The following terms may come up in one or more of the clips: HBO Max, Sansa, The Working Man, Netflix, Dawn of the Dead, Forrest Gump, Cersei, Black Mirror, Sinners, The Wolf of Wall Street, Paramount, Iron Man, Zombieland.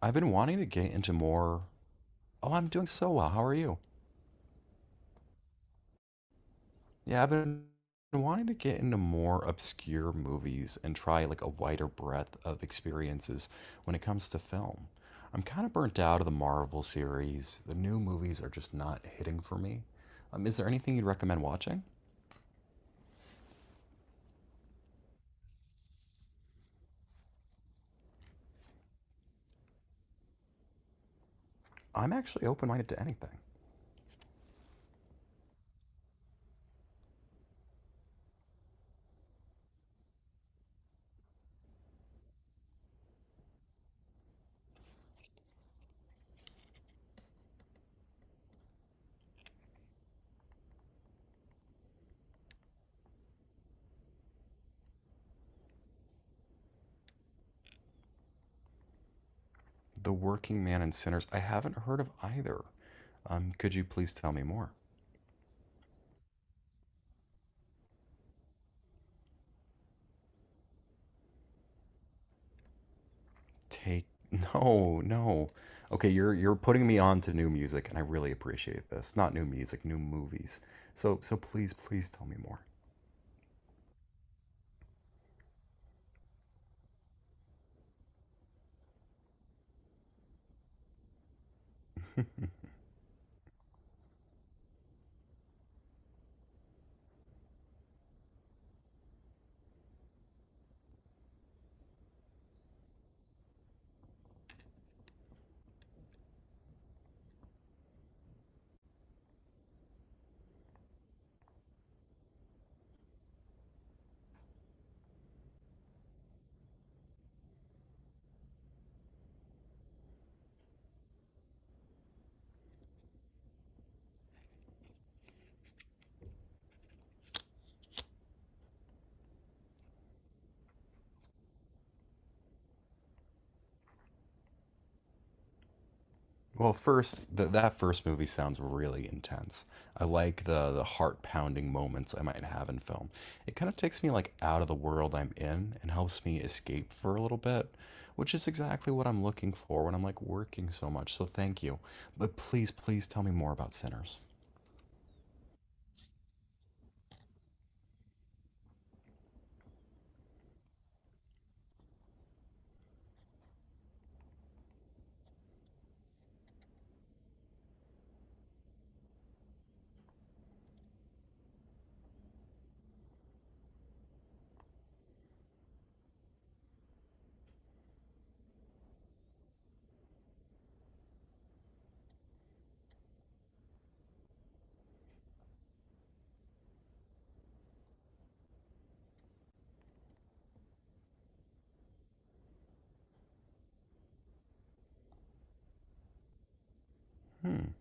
I've been wanting to get into more. Oh, I'm doing so well. How are you? Yeah, I've been wanting to get into more obscure movies and try like a wider breadth of experiences when it comes to film. I'm kind of burnt out of the Marvel series. The new movies are just not hitting for me. Is there anything you'd recommend watching? I'm actually open-minded to anything. The Working Man and Sinners, I haven't heard of either. Could you please tell me more? Take no, no. Okay, you're putting me on to new music, and I really appreciate this. Not new music, new movies. So please, please tell me more. Well, first, th that first movie sounds really intense. I like the heart-pounding moments I might have in film. It kind of takes me like out of the world I'm in and helps me escape for a little bit, which is exactly what I'm looking for when I'm like working so much. So thank you. But please, please tell me more about Sinners. Hmm.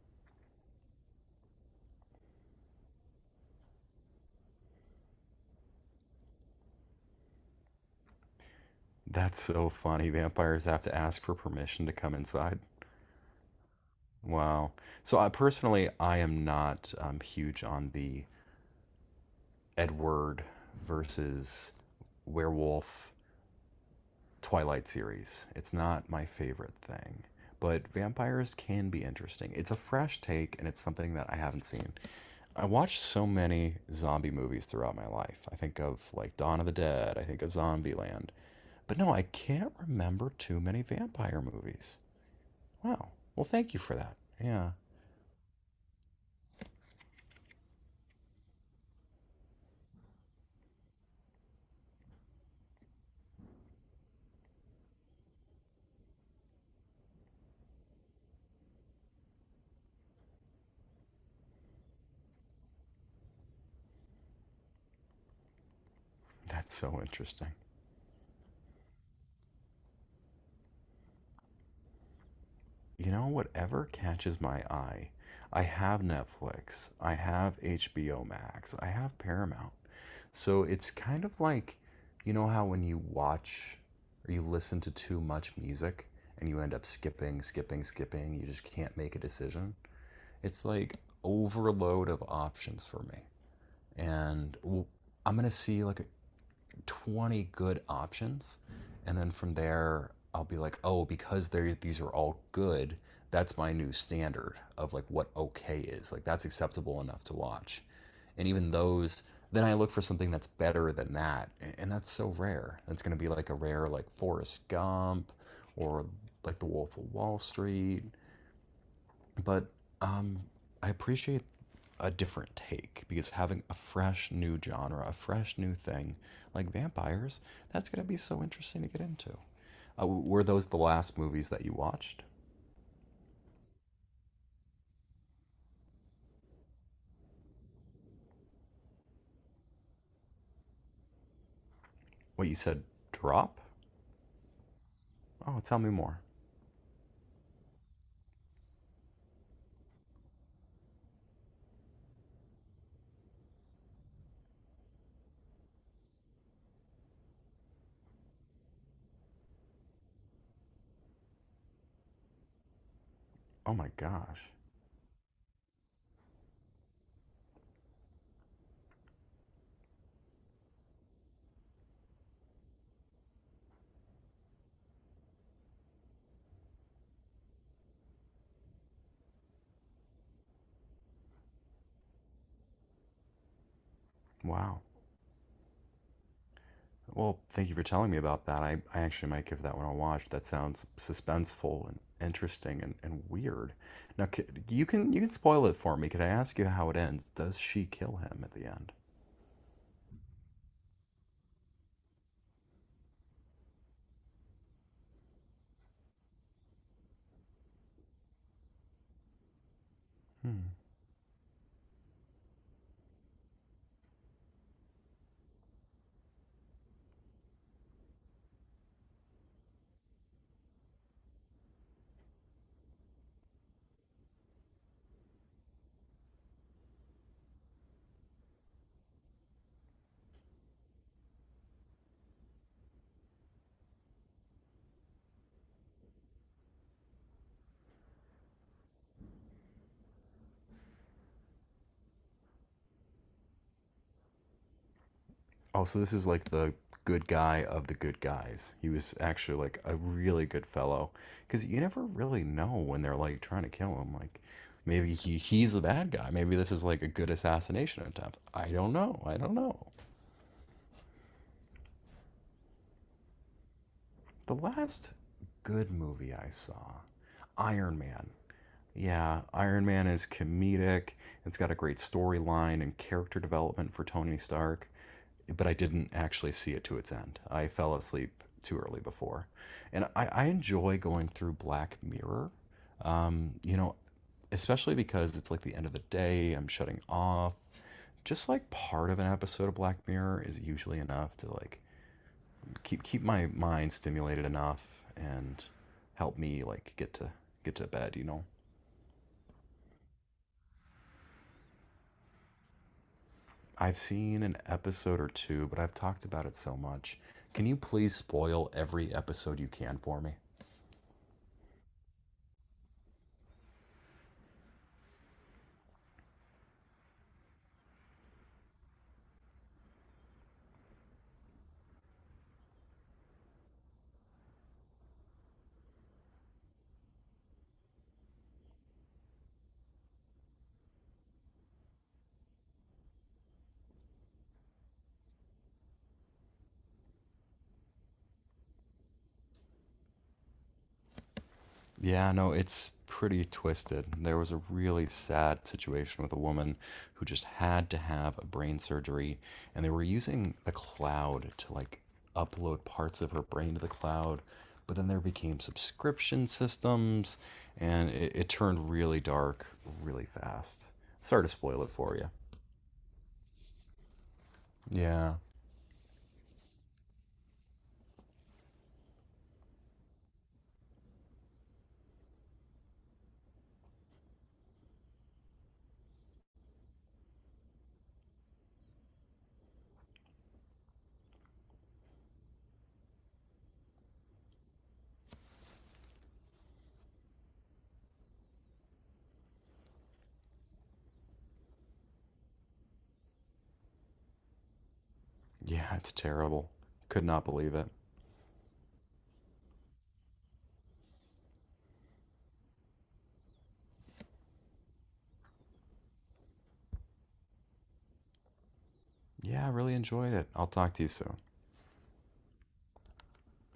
That's so funny. Vampires have to ask for permission to come inside. Wow. So I personally, I am not huge on the Edward versus werewolf Twilight series. It's not my favorite thing, but vampires can be interesting. It's a fresh take, and it's something that I haven't seen. I watched so many zombie movies throughout my life. I think of like Dawn of the Dead. I think of Zombieland. But no, I can't remember too many vampire movies. Wow. Well, thank you for that. Yeah. That's so interesting. You know, whatever catches my eye. I have Netflix. I have HBO Max. I have Paramount. So it's kind of like, you know, how when you watch or you listen to too much music and you end up skipping, skipping, skipping, you just can't make a decision. It's like overload of options for me. And I I'm going to see like 20 good options. And then from there, I'll be like, oh, because they these are all good, that's my new standard of like what okay is. Like that's acceptable enough to watch. And even those, then I look for something that's better than that. And that's so rare. It's going to be like a rare, like Forrest Gump or like The Wolf of Wall Street but um, I appreciate a different take because having a fresh new genre, a fresh new thing like vampires, that's going to be so interesting to get into. Were those the last movies that you watched? What you said, drop? Oh, tell me more. Oh my gosh. Wow. Well, thank you for telling me about that. I actually might give that one a watch. That sounds suspenseful and interesting and weird. Now, you can spoil it for me. Could I ask you how it ends? Does she kill him at the end? Hmm. Oh, so this is like the good guy of the good guys. He was actually like a really good fellow because you never really know when they're like trying to kill him. Like maybe he's the bad guy. Maybe this is like a good assassination attempt. I don't know. I don't know. The last good movie I saw, Iron Man. Yeah, Iron Man is comedic. It's got a great storyline and character development for Tony Stark, but I didn't actually see it to its end. I fell asleep too early before, and I enjoy going through Black Mirror. Um, you know, especially because it's like the end of the day. I'm shutting off. Just like part of an episode of Black Mirror is usually enough to like keep my mind stimulated enough and help me like get to bed. You know, I've seen an episode or two, but I've talked about it so much. Can you please spoil every episode you can for me? Yeah, no, it's pretty twisted. There was a really sad situation with a woman who just had to have a brain surgery, and they were using the cloud to like upload parts of her brain to the cloud. But then there became subscription systems, and it turned really dark really fast. Sorry to spoil it for you. Yeah, yeah, it's terrible. Could not believe it. Yeah, I really enjoyed it. I'll talk to you soon.